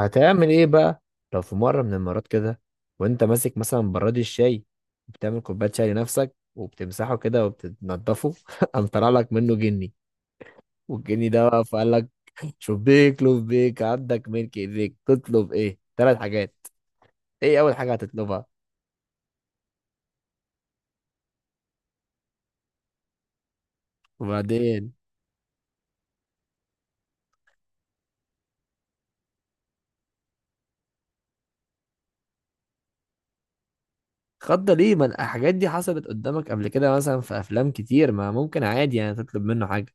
هتعمل ايه بقى؟ لو في مرة من المرات كده وانت ماسك مثلا براد الشاي، بتعمل كوباية شاي لنفسك وبتمسحه كده وبتنضفه قام طلع لك منه جني، والجني ده بقى فقال لك شبيك لبيك عندك ملك ايديك، تطلب ايه ثلاث حاجات؟ ايه اول حاجة هتطلبها؟ وبعدين؟ خضة ليه؟ ما الحاجات دي حصلت قدامك قبل كده، مثلا في افلام كتير، ما ممكن عادي يعني تطلب منه حاجة.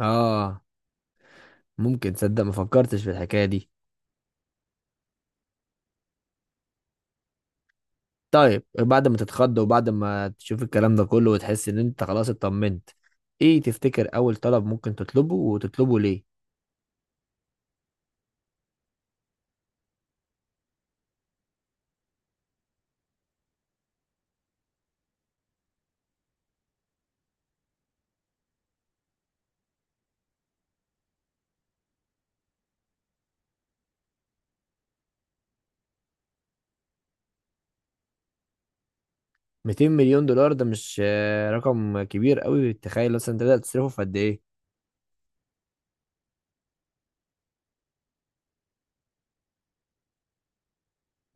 اه، ممكن تصدق ما فكرتش في الحكاية دي. طيب بعد ما تتخض وبعد ما تشوف الكلام ده كله وتحس ان انت خلاص اطمنت، ايه تفتكر اول طلب ممكن تطلبه وتطلبه ليه؟ 200 مليون دولار ده مش رقم كبير قوي؟ تخيل مثلا انت تقدر تصرفه في قد ايه.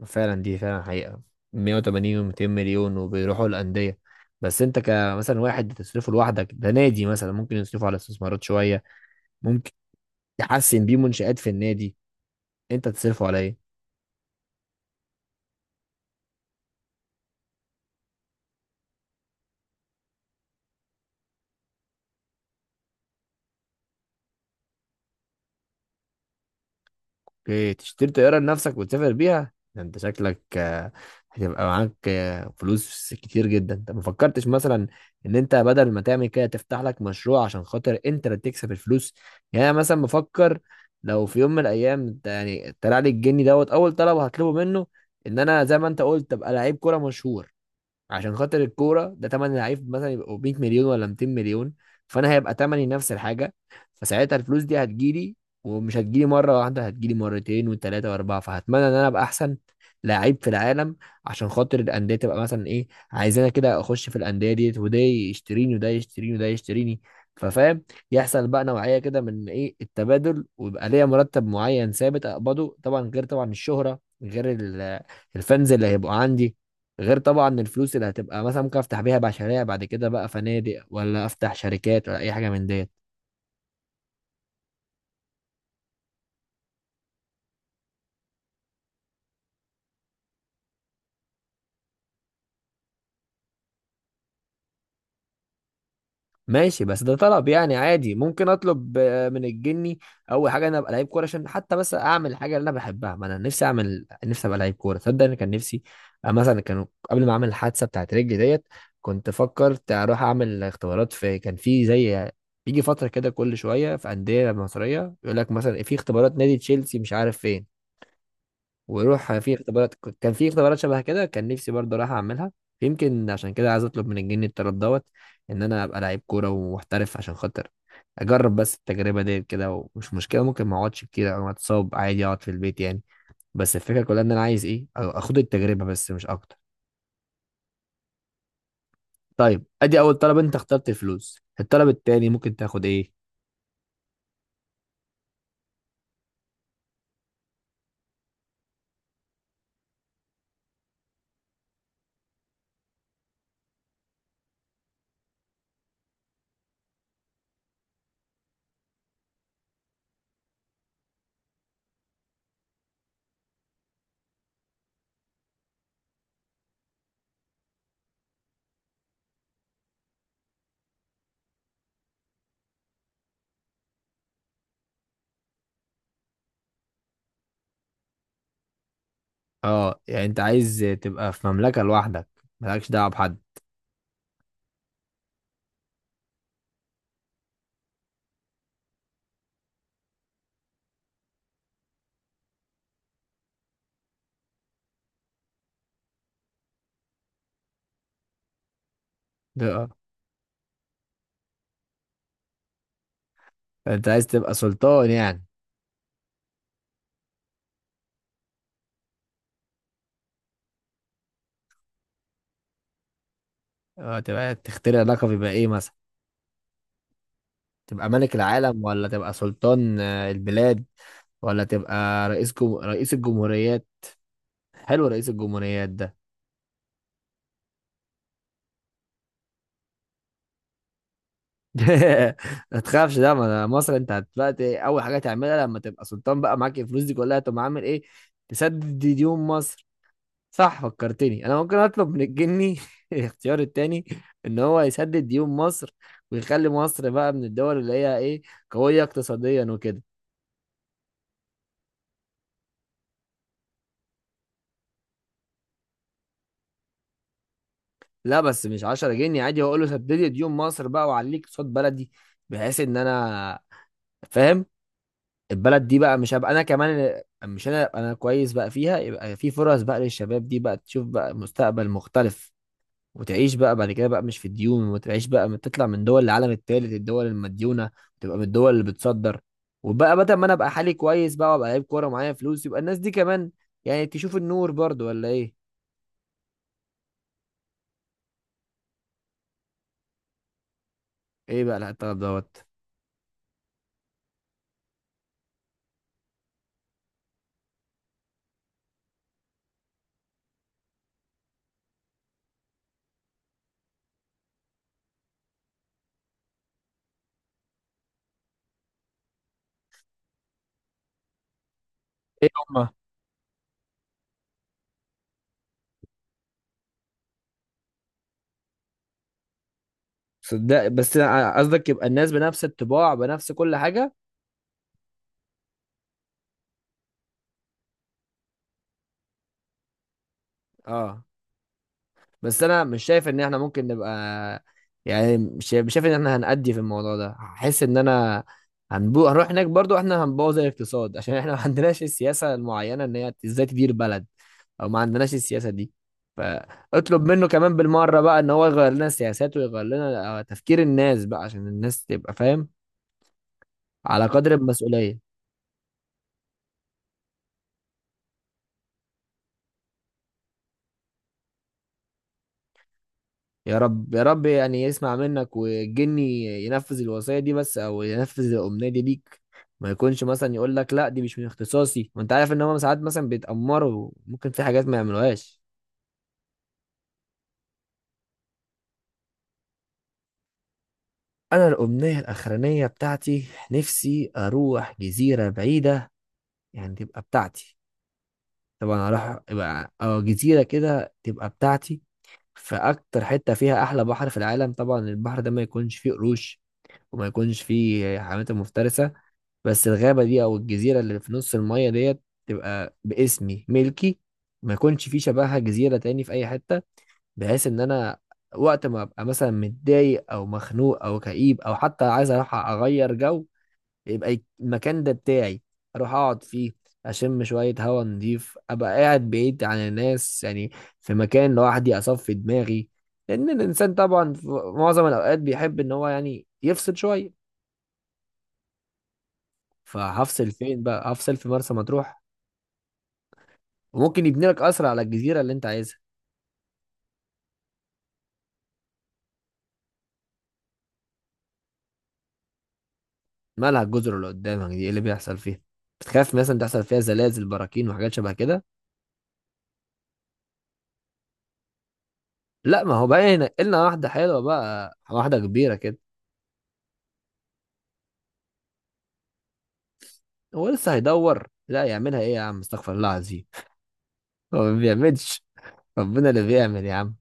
فعلا دي فعلا حقيقة، 180 و200 مليون وبيروحوا الأندية. بس انت كمثلا واحد تصرفه لوحدك، ده نادي مثلا ممكن يصرفه على استثمارات شوية، ممكن يحسن بيه منشآت في النادي، انت تصرفه على ايه؟ اوكي، تشتري طيارة لنفسك وتسافر بيها. ده انت شكلك هتبقى معاك فلوس كتير جدا. انت ما فكرتش مثلا ان انت بدل ما تعمل كده تفتح لك مشروع عشان خاطر انت اللي تكسب الفلوس؟ يعني انا مثلا بفكر، لو في يوم من الايام انت يعني طلع لي الجني دوت، اول طلب هطلبه منه ان انا زي ما انت قلت ابقى لعيب كورة مشهور، عشان خاطر الكوره ده تمن لعيب مثلا يبقوا 100 مليون ولا 200 مليون، فانا هيبقى تمني نفس الحاجه، فساعتها الفلوس دي هتجيلي، ومش هتجيلي مره واحده، هتجيلي مرتين وثلاثه واربعه، فهتمنى ان انا ابقى احسن لعيب في العالم، عشان خاطر الانديه تبقى مثلا ايه، عايزانا كده اخش في الانديه ديت، وده يشتريني وده يشتريني وده يشتريني، ففاهم، يحصل بقى نوعيه كده من ايه التبادل، ويبقى ليا مرتب معين ثابت اقبضه، طبعا غير طبعا الشهره، غير الفانز اللي هيبقوا عندي، غير طبعا الفلوس اللي هتبقى مثلا، ممكن افتح بيها مشاريع بعد كده بقى، فنادق ولا افتح شركات ولا اي حاجه من ديت. ماشي، بس ده طلب يعني عادي ممكن اطلب من الجني. اول حاجه انا ابقى لعيب كوره، عشان حتى بس اعمل حاجه اللي انا بحبها، ما انا نفسي اعمل نفسي ابقى لعيب كوره. تصدق انا كان نفسي مثلا كانوا قبل ما اعمل الحادثه بتاعت رجلي ديت كنت فكرت اروح اعمل اختبارات، في كان في زي، بيجي فتره كده كل شويه في انديه مصريه يقول لك مثلا في اختبارات نادي تشيلسي مش عارف فين، ويروح في اختبارات، كان في اختبارات شبه كده، كان نفسي برضه راح اعملها. يمكن عشان كده عايز اطلب من الجني الطلب دوت ان انا ابقى لعيب كوره ومحترف، عشان خاطر اجرب بس التجربه دي كده، ومش مشكله ممكن ما اقعدش كتير او اتصاب، عادي اقعد في البيت يعني، بس الفكره كلها ان انا عايز ايه أو اخد التجربه بس مش اكتر. طيب ادي اول طلب انت اخترت الفلوس، الطلب التاني ممكن تاخد ايه؟ اه، يعني انت عايز تبقى في مملكه لوحدك، مالكش دعوه بحد. اه، انت عايز تبقى سلطان يعني. تبقى تخترع لقب، يبقى ايه مثلا؟ تبقى ملك العالم ولا تبقى سلطان البلاد، ولا تبقى رئيس الجمهوريات؟ حلو رئيس الجمهوريات ده. ما تخافش، ده ما ده مصر. انت دلوقتي اول حاجه تعملها لما تبقى سلطان بقى معاك الفلوس دي كلها، تقوم عامل ايه؟ تسدد دي ديون مصر. صح، فكرتني، انا ممكن اطلب من الجني الاختيار التاني ان هو يسدد ديون مصر، ويخلي مصر بقى من الدول اللي هي ايه، قويه اقتصاديا وكده. لا بس مش 10 جنيه، عادي هقول له سدد لي ديون مصر بقى وعليك صوت بلدي، بحيث ان انا، فاهم، البلد دي بقى، مش هبقى انا كمان اللي- مش انا أبقى انا كويس بقى فيها، يبقى في فرص بقى للشباب دي بقى تشوف بقى مستقبل مختلف، وتعيش بقى بعد كده بقى مش في الديون، وتعيش بقى تطلع من دول العالم الثالث الدول المديونة، تبقى من الدول اللي بتصدر، وبقى بدل ما انا ابقى حالي كويس بقى وابقى لعيب كورة ومعايا فلوس، يبقى الناس دي كمان يعني تشوف النور برضو ولا ايه. ايه بقى الطلب دوت؟ ايه هم؟ صدق بس قصدك يبقى الناس بنفس الطباع بنفس كل حاجة؟ اه، بس انا مش شايف ان احنا ممكن نبقى، يعني مش شايف ان احنا هنأدي في الموضوع ده، هحس ان انا هنروح هناك برضو احنا هنبوظ الاقتصاد، عشان احنا ما عندناش السياسة المعينة ان هي ازاي تدير بلد، او ما عندناش السياسة دي، فاطلب منه كمان بالمرة بقى ان هو يغير لنا السياسات، ويغير لنا تفكير الناس بقى، عشان الناس تبقى فاهم على قدر المسؤولية. يا رب يا رب يعني يسمع منك والجني ينفذ الوصية دي، بس او ينفذ الأمنية دي ليك، ما يكونش مثلا يقول لك لا دي مش من اختصاصي. وانت عارف ان هم ساعات مثلا بيتأمروا ممكن في حاجات ما يعملوهاش. انا الأمنية الأخرانية بتاعتي، نفسي اروح جزيرة بعيدة، يعني تبقى بتاعتي، طبعا اروح يبقى اه جزيرة كده تبقى بتاعتي، في اكتر حتة فيها احلى بحر في العالم، طبعا البحر ده ما يكونش فيه قروش، وما يكونش فيه حيوانات مفترسة، بس الغابة دي أو الجزيرة اللي في نص المية ديت تبقى باسمي ملكي، ما يكونش في شبهها جزيرة تاني في أي حتة، بحيث إن أنا وقت ما أبقى مثلا متضايق أو مخنوق أو كئيب أو حتى عايز أروح أغير جو، يبقى المكان ده بتاعي، أروح أقعد فيه، أشم شوية هوا نضيف، أبقى قاعد بعيد عن الناس يعني، في مكان لوحدي أصفي دماغي، لأن الإنسان طبعا في معظم الأوقات بيحب إن هو يعني يفصل شوية. فهفصل فين بقى، هفصل في مرسى مطروح. وممكن يبني لك قصر على الجزيرة اللي انت عايزها. مالها الجزر اللي قدامك دي، ايه اللي بيحصل فيها؟ بتخاف مثلا تحصل فيها زلازل براكين وحاجات شبه كده؟ لا ما هو بقى، هنا واحدة حلوة بقى، واحدة كبيرة كده. هو لسه هيدور؟ لا يعملها، ايه يا عم استغفر الله العظيم، هو ما بيعملش، ربنا اللي بيعمل يا عم.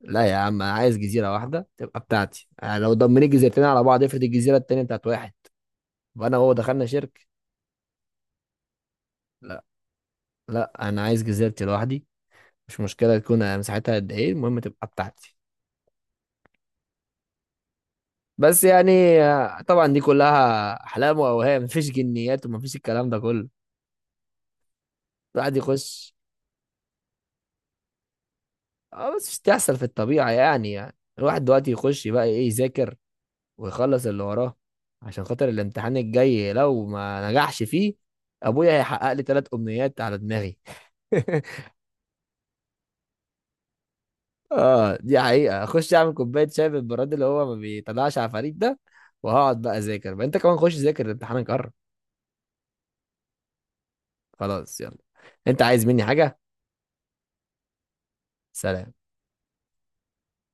لا يا عم انا عايز جزيرة واحدة تبقى بتاعتي، يعني لو ضمني جزيرتين على بعض افرض الجزيرة التانية بتاعت واحد وانا وهو دخلنا شركة. لا، لا انا عايز جزيرتي لوحدي، مش مشكلة تكون مساحتها قد ايه، المهم تبقى بتاعتي. بس يعني طبعا دي كلها احلام واوهام، مفيش جنيات ومفيش الكلام ده كله، الواحد يخش. اه بس مش تحصل في الطبيعه يعني، يعني الواحد دلوقتي يخش بقى ايه يذاكر، ويخلص اللي وراه، عشان خاطر الامتحان الجاي، لو ما نجحش فيه ابويا هيحقق لي ثلاث امنيات على دماغي. اه دي حقيقه، اخش اعمل كوبايه شاي بالبراد اللي هو ما بيطلعش عفاريت ده، وهقعد بقى اذاكر بقى. انت كمان خش ذاكر، امتحانك قرب. خلاص يلا، انت عايز مني حاجه؟ سلام.